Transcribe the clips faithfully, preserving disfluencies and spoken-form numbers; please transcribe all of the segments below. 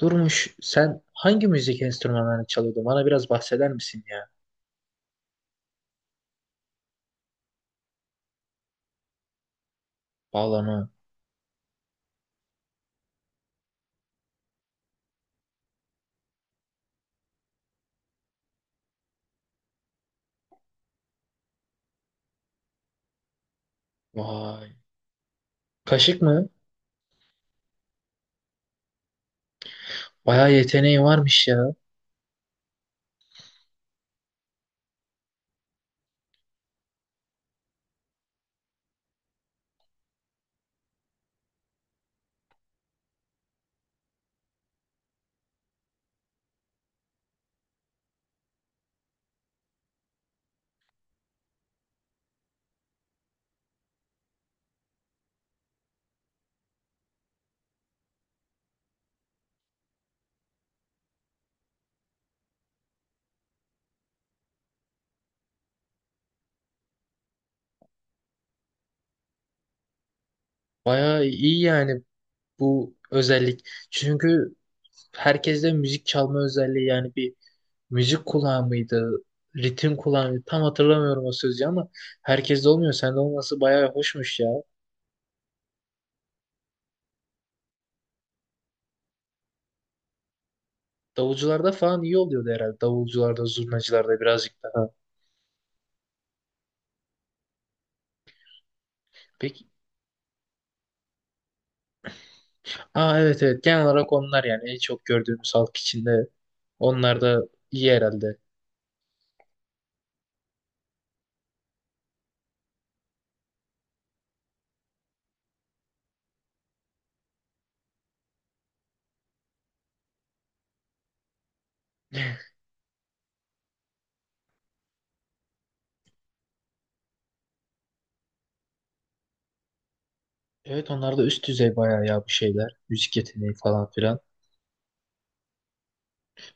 Durmuş, sen hangi müzik enstrümanlarını çalıyordun? Bana biraz bahseder misin ya? Bağlama. Vay. Kaşık mı? Bayağı yeteneği varmış ya. Bayağı iyi yani bu özellik. Çünkü herkeste müzik çalma özelliği yani bir müzik kulağı mıydı? Ritim kulağı mıydı? Tam hatırlamıyorum o sözü ama herkeste olmuyor. Sende olması bayağı hoşmuş ya. Davulcularda falan iyi oluyordu herhalde. Davulcularda, zurnacılarda birazcık daha. Peki. Aa, evet evet, genel olarak onlar yani en çok gördüğümüz halk içinde. Onlar da iyi herhalde. Evet, onlar da üst düzey bayağı ya bu şeyler. Müzik yeteneği falan filan.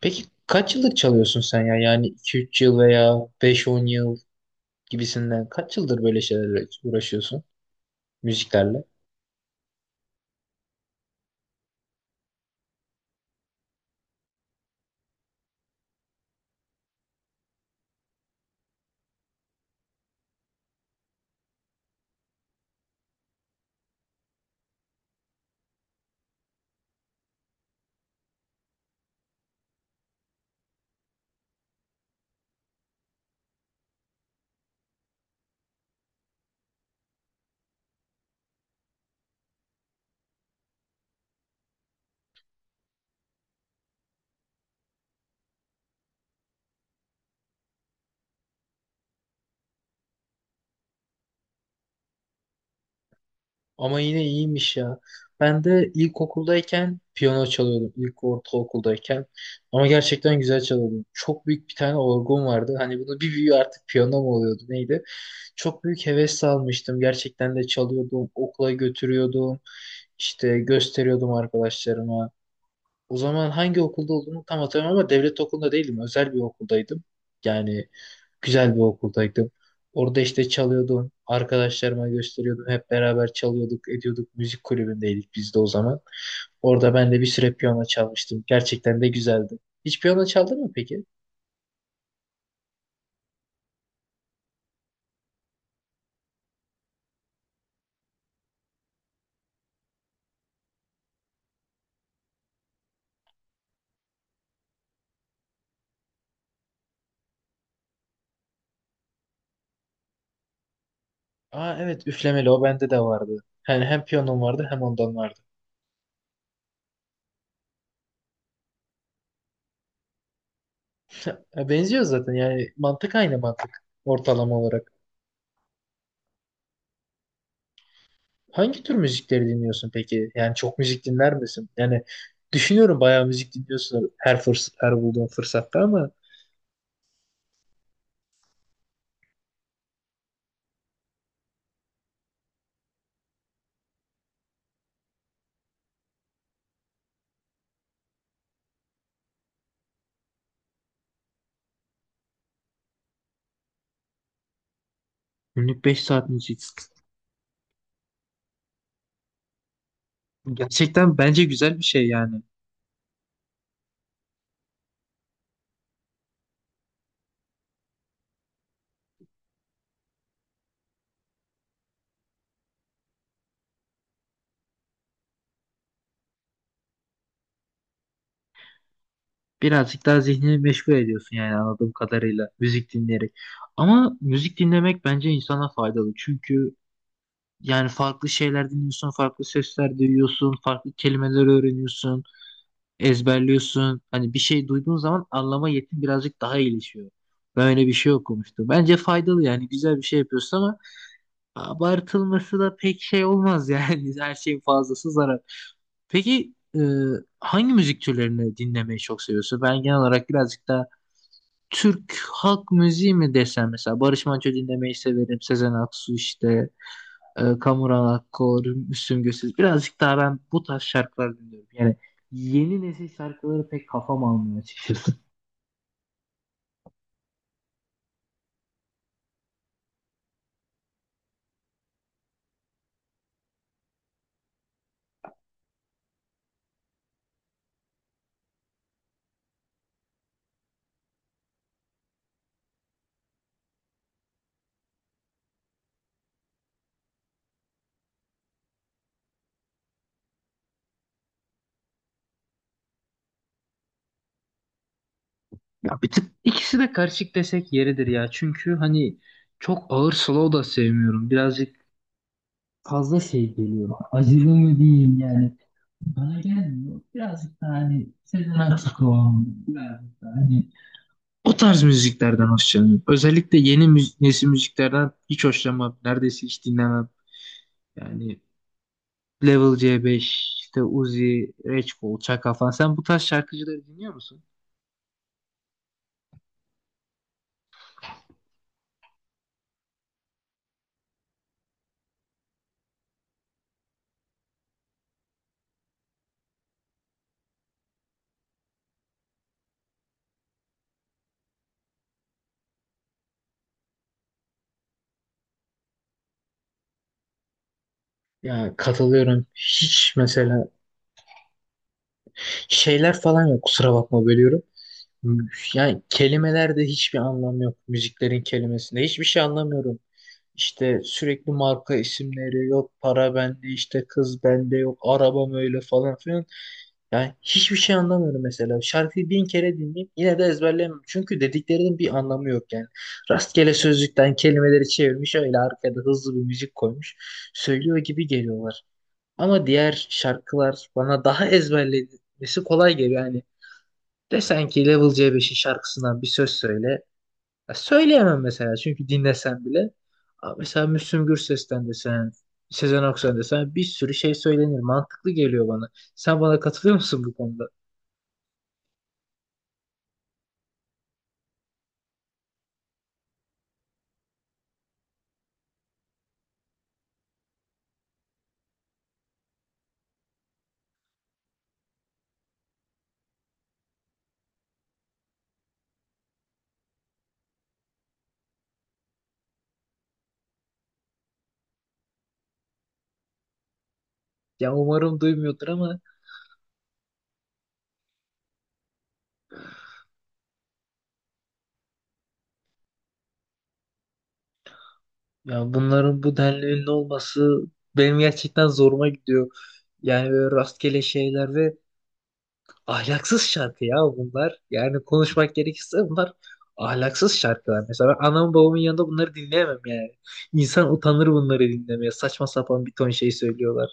Peki kaç yıllık çalıyorsun sen ya? Yani iki üç yıl veya beş on yıl gibisinden kaç yıldır böyle şeylerle uğraşıyorsun? Müziklerle. Ama yine iyiymiş ya. Ben de ilkokuldayken piyano çalıyordum. İlk ortaokuldayken. Ama gerçekten güzel çalıyordum. Çok büyük bir tane orgum vardı. Hani bunu bir büyüğü artık piyano mu oluyordu neydi? Çok büyük heves almıştım. Gerçekten de çalıyordum. Okula götürüyordum. İşte gösteriyordum arkadaşlarıma. O zaman hangi okulda olduğumu tam hatırlamıyorum ama devlet okulunda değildim. Özel bir okuldaydım. Yani güzel bir okuldaydım. Orada işte çalıyordum. Arkadaşlarıma gösteriyordum. Hep beraber çalıyorduk, ediyorduk. Müzik kulübündeydik biz de o zaman. Orada ben de bir süre piyano çalmıştım. Gerçekten de güzeldi. Hiç piyano çaldın mı peki? Aa, evet, üflemeli, o bende de vardı. Yani hem piyanom vardı hem ondan vardı. Ya benziyor zaten, yani mantık aynı mantık ortalama olarak. Hangi tür müzikleri dinliyorsun peki? Yani çok müzik dinler misin? Yani düşünüyorum bayağı müzik dinliyorsun her fırs her bulduğun fırsatta ama günlük beş saat müzik. Gerçekten bence güzel bir şey yani. Birazcık daha zihnini meşgul ediyorsun yani anladığım kadarıyla müzik dinleyerek. Ama müzik dinlemek bence insana faydalı. Çünkü yani farklı şeyler dinliyorsun, farklı sesler duyuyorsun, farklı kelimeler öğreniyorsun, ezberliyorsun. Hani bir şey duyduğun zaman anlama yetin birazcık daha iyileşiyor. Ben öyle bir şey okumuştum. Bence faydalı, yani güzel bir şey yapıyorsun ama abartılması da pek şey olmaz yani. Her şeyin fazlası zarar. Peki e, hangi müzik türlerini dinlemeyi çok seviyorsun? Ben genel olarak birazcık daha Türk halk müziği mi desem, mesela Barış Manço dinlemeyi severim. Sezen Aksu, işte e, Kamuran Akkor, Müslüm Gürses. Birazcık daha ben bu tarz şarkılar dinliyorum. Yani yeni nesil şarkıları pek kafam almıyor açıkçası. Ya bir tık ikisi de karışık desek yeridir ya. Çünkü hani çok ağır slow da sevmiyorum. Birazcık fazla şey geliyor. Acılı mı diyeyim yani. Bana gelmiyor. Birazcık daha hani Sezen Aksu, birazcık daha hani o tarz müziklerden hoşlanıyorum. Özellikle yeni müzi nesil müziklerden hiç hoşlanmam. Neredeyse hiç dinlemem. Yani Level C beş, işte Uzi, Reçkol, Çaka falan. Sen bu tarz şarkıcıları dinliyor musun? Ya katılıyorum. Hiç mesela şeyler falan yok. Kusura bakma, bölüyorum. Yani kelimelerde hiçbir anlam yok. Müziklerin kelimesinde hiçbir şey anlamıyorum. İşte sürekli marka isimleri, yok para bende, işte kız bende, yok arabam öyle falan filan. Yani hiçbir şey anlamıyorum mesela. Şarkıyı bin kere dinleyeyim yine de ezberleyemem. Çünkü dediklerinin bir anlamı yok yani. Rastgele sözlükten kelimeleri çevirmiş, öyle arkada hızlı bir müzik koymuş. Söylüyor gibi geliyorlar. Ama diğer şarkılar bana daha ezberlemesi kolay geliyor. Yani desen ki Level C beşin şarkısından bir söz söyle. Ya söyleyemem mesela, çünkü dinlesen bile. Aa, mesela Müslüm Gürses'ten desen, Sezen Aksu'dan desen bir sürü şey söylenir. Mantıklı geliyor bana. Sen bana katılıyor musun bu konuda? Ya umarım duymuyordur ama ya bunların bu denli ünlü olması benim gerçekten zoruma gidiyor. Yani böyle rastgele şeyler ve ahlaksız şarkı ya bunlar. Yani konuşmak gerekirse bunlar ahlaksız şarkılar. Mesela ben anamın babamın yanında bunları dinleyemem yani. İnsan utanır bunları dinlemeye. Saçma sapan bir ton şey söylüyorlar.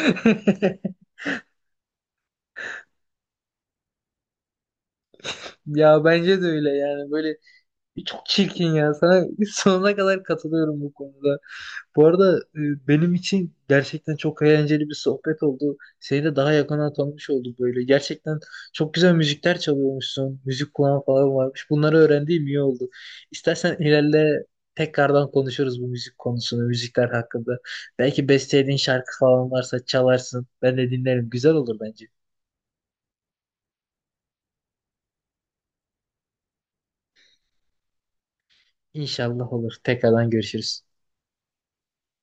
Ya bence de öyle yani, böyle çok çirkin ya sana sonuna kadar katılıyorum bu konuda. Bu arada e, benim için gerçekten çok eğlenceli bir sohbet oldu. Seni de daha yakından tanımış olduk böyle. Gerçekten çok güzel müzikler çalıyormuşsun. Müzik kulağın falan varmış. Bunları öğrendiğim iyi oldu. İstersen ilerle tekrardan konuşuruz bu müzik konusunu, müzikler hakkında. Belki bestelediğin şarkı falan varsa çalarsın. Ben de dinlerim. Güzel olur bence. İnşallah olur. Tekrardan görüşürüz.